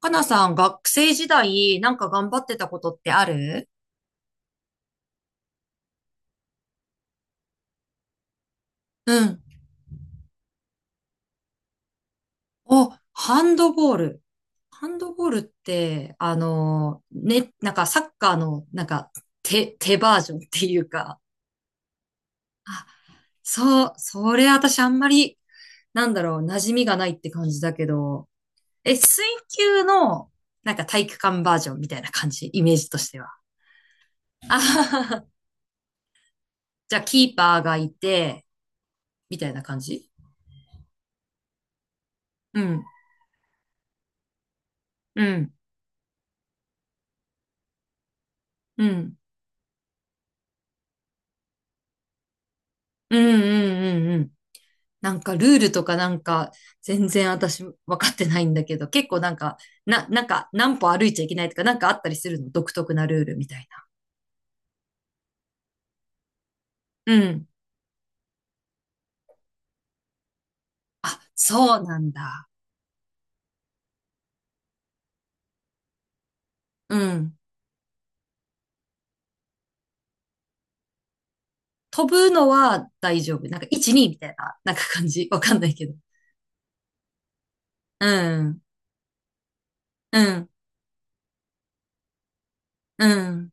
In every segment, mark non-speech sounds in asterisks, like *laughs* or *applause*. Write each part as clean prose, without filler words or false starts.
かなさん、学生時代、なんか頑張ってたことってある？うん。お、ハンドボール。ハンドボールって、ね、なんかサッカーの、なんか、手バージョンっていうか、あ、そう、それ私あんまり、なんだろう、馴染みがないって感じだけど、水球の、なんか体育館バージョンみたいな感じ、イメージとしては。あははは。じゃあ、キーパーがいて、みたいな感じ。うん、うん、うん。うんうんうんうん。なんかルールとかなんか全然私分かってないんだけど、結構なんか、なんか何歩歩いちゃいけないとかなんかあったりするの？独特なルールみたいな。うん。あ、そうなんだ。うん。飛ぶのは大丈夫。なんか1、2みたいな、なんか感じ。わかんないけど。うん。うん。うん。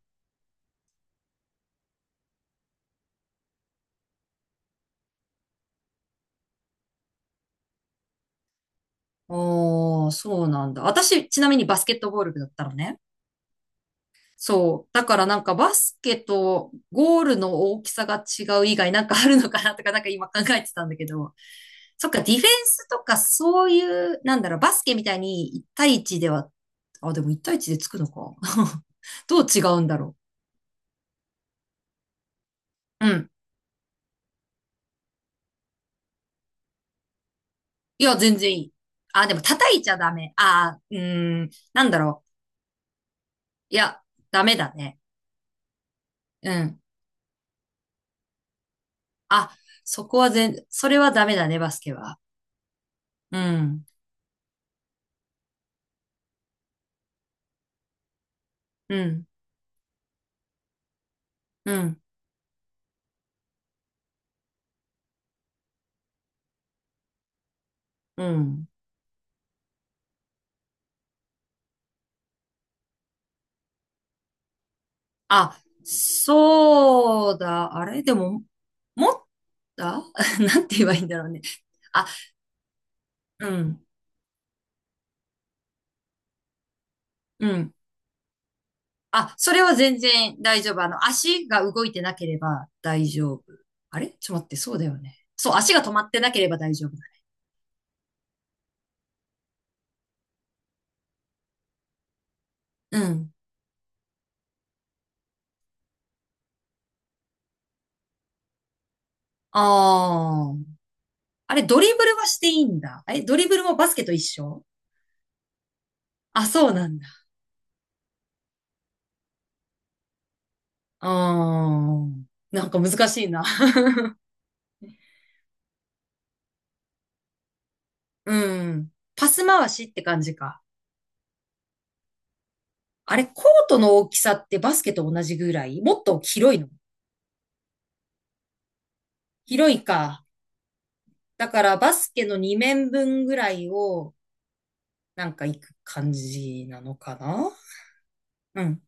おー、そうなんだ。私、ちなみにバスケットボール部だったのね。そう。だからなんかバスケとゴールの大きさが違う以外なんかあるのかなとかなんか今考えてたんだけど。そっか、ディフェンスとかそういう、なんだろう、バスケみたいに1対1では、あ、でも1対1でつくのか。*laughs* どう違うんだろう。うん。いや、全然いい。あ、でも叩いちゃダメ。あー、うーん、なんだろう。いや、ダメだね。うん。あ、そこはそれはダメだね、バスケは。うん、うん、うん、うん。あ、そうだ。あれでも、持った。 *laughs* なんて言えばいいんだろうね。あ、うん、うん。あ、それは全然大丈夫。足が動いてなければ大丈夫。あれちょっと待って、そうだよね。そう、足が止まってなければ大丈夫だ。うん。ああ。あれ、ドリブルはしていいんだ。え、ドリブルもバスケと一緒？あ、そうなんだ。ああ。なんか難しいな。*laughs* うん。パス回しって感じか。あれ、コートの大きさってバスケと同じぐらい？もっと広いの？広いか。だからバスケの2面分ぐらいをなんか行く感じなのかな？うん。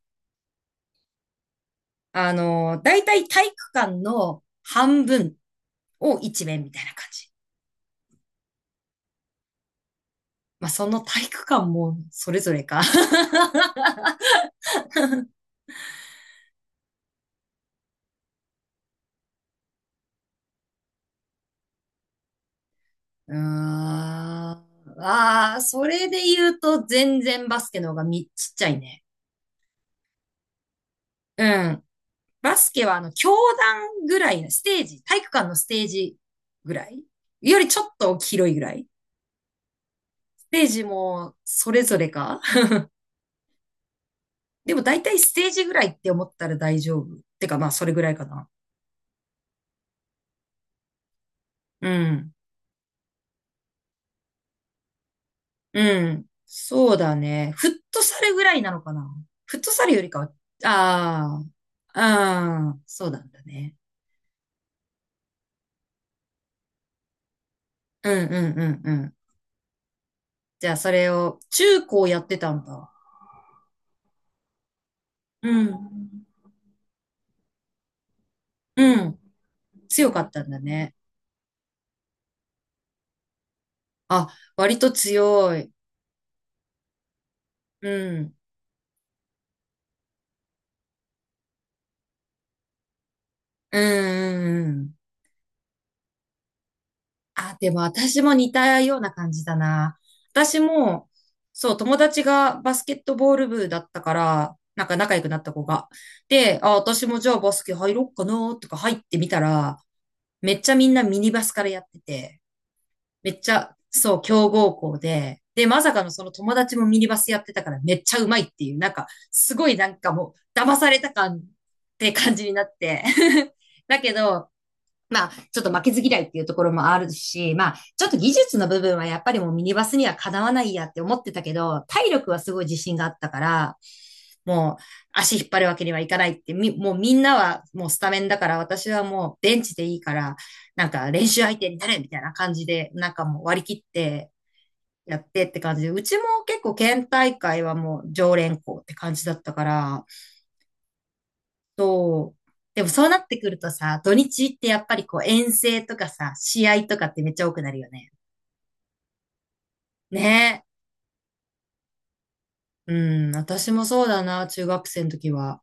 だいたい体育館の半分を1面みたいな感じ。まあ、その体育館もそれぞれか。*laughs* うーん。ああ、それで言うと全然バスケの方がちっちゃいね。うん。バスケは教団ぐらいのステージ、体育館のステージぐらいよりちょっと広いぐらい。ステージもそれぞれか。 *laughs* でも大体ステージぐらいって思ったら大丈夫。てかまあそれぐらいかな。うん。うん。そうだね。フットサルぐらいなのかな。フットサルよりかは、ああ、ああ、そうなんだね。うんうんうんうん。じゃあそれを中高やってたんだ。うん。うん。強かったんだね。あ、割と強い。うん。うんうんうん。あ、でも私も似たような感じだな。私も、そう、友達がバスケットボール部だったから、なんか仲良くなった子が。で、あ、私もじゃあバスケ入ろっかなとか入ってみたら、めっちゃみんなミニバスからやってて。めっちゃ、そう、強豪校で、で、まさかのその友達もミニバスやってたからめっちゃうまいっていう、なんか、すごいなんかもう、騙された感って感じになって。*laughs* だけど、まあ、ちょっと負けず嫌いっていうところもあるし、まあ、ちょっと技術の部分はやっぱりもうミニバスにはかなわないやって思ってたけど、体力はすごい自信があったから、もう足引っ張るわけにはいかないって、もうみんなはもうスタメンだから、私はもうベンチでいいから、なんか練習相手になれみたいな感じで、なんかもう割り切ってやってって感じで、うちも結構県大会はもう常連校って感じだったから、そう。でもそうなってくるとさ、土日ってやっぱりこう遠征とかさ、試合とかってめっちゃ多くなるよね。ねえ。うん、私もそうだな、中学生の時は。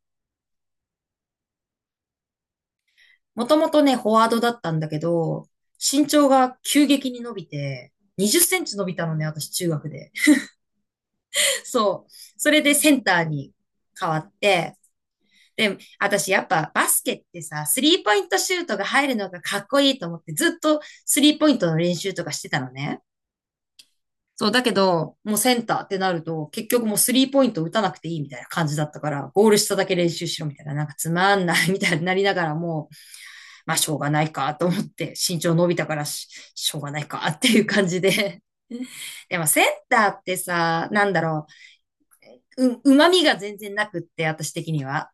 もともとね、フォワードだったんだけど、身長が急激に伸びて、20センチ伸びたのね、私中学で。*laughs* そう。それでセンターに変わって、で、私やっぱバスケってさ、スリーポイントシュートが入るのがかっこいいと思って、ずっとスリーポイントの練習とかしてたのね。そう、だけど、もうセンターってなると、結局もうスリーポイント打たなくていいみたいな感じだったから、ゴール下だけ練習しろみたいな、なんかつまんないみたいになりながらもう、まあしょうがないかと思って、身長伸びたからしょうがないかっていう感じで。*laughs* でもセンターってさ、なんだろう、旨味が全然なくって、私的には。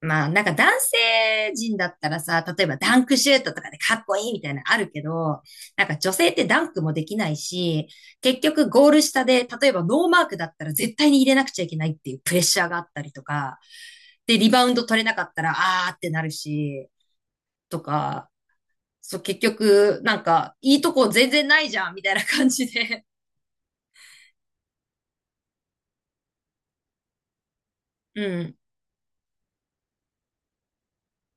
まあ、なんか男性陣だったらさ、例えばダンクシュートとかでかっこいいみたいなのあるけど、なんか女性ってダンクもできないし、結局ゴール下で、例えばノーマークだったら絶対に入れなくちゃいけないっていうプレッシャーがあったりとか、で、リバウンド取れなかったら、あーってなるし、とか、そう、結局、なんか、いいとこ全然ないじゃん、みたいな感じで。*laughs* うん、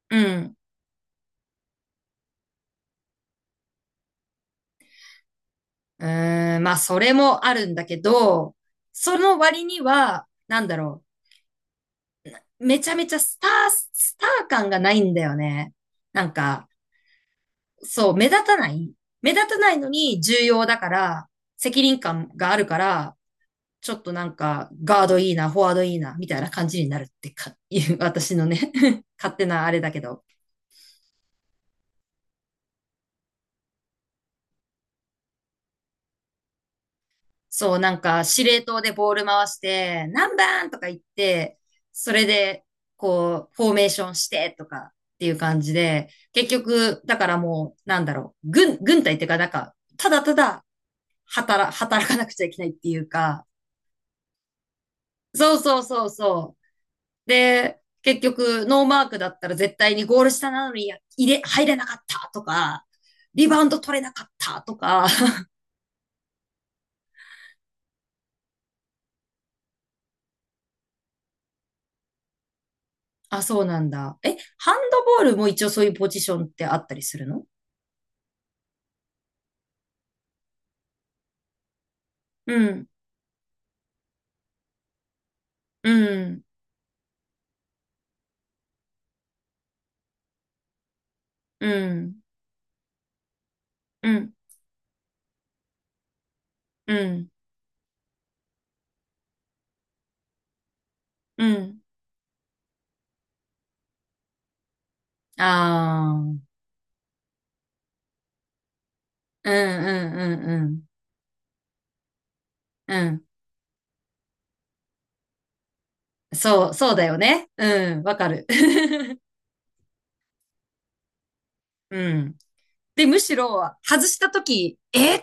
うん。うーん、まあ、それもあるんだけど、その割には、なんだろう。めちゃめちゃスター感がないんだよね。なんか、そう、目立たない目立たないのに重要だから、責任感があるから、ちょっとなんか、ガードいいな、フォワードいいな、みたいな感じになるってか、いう、私のね、 *laughs* 勝手なあれだけど。そう、なんか、司令塔でボール回して、何番とか言って、それで、こう、フォーメーションしてとかっていう感じで、結局、だからもう、なんだろう、軍隊っていうか、なんか、ただただ働、*laughs* 働かなくちゃいけないっていうか、そうそうそうそう。で、結局、ノーマークだったら絶対にゴール下なのにや入れ、入れなかったとか、リバウンド取れなかったとか。*laughs* あ、そうなんだ。え、ハンドボールも一応そういうポジションってあったりするの？うん、うん、うん、うん、うん、うん。ああ、うん、うん、うん、うん。うん。そう、そうだよね。うん、わかる。*laughs* うん。で、むしろ、外したとき、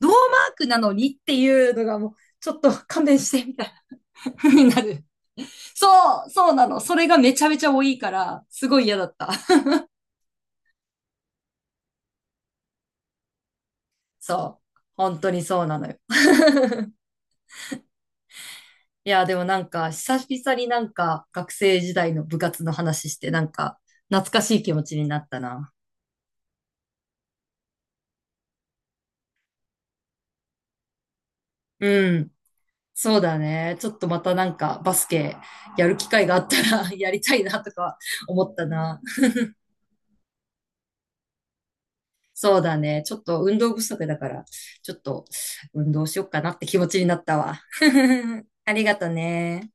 ノーマークなのにっていうのがもう、ちょっと勘弁して、みたいな風になる。*laughs* そう、そうなの。それがめちゃめちゃ多いから、すごい嫌だった。*laughs* そう。本当にそうなのよ。*laughs* いや、でもなんか、久々になんか、学生時代の部活の話して、なんか、懐かしい気持ちになったな。うん。そうだね。ちょっとまたなんか、バスケやる機会があったら、 *laughs* やりたいなとか思ったな。そうだね。ちょっと運動不足だから、ちょっと運動しよっかなって気持ちになったわ。*laughs* ありがとね。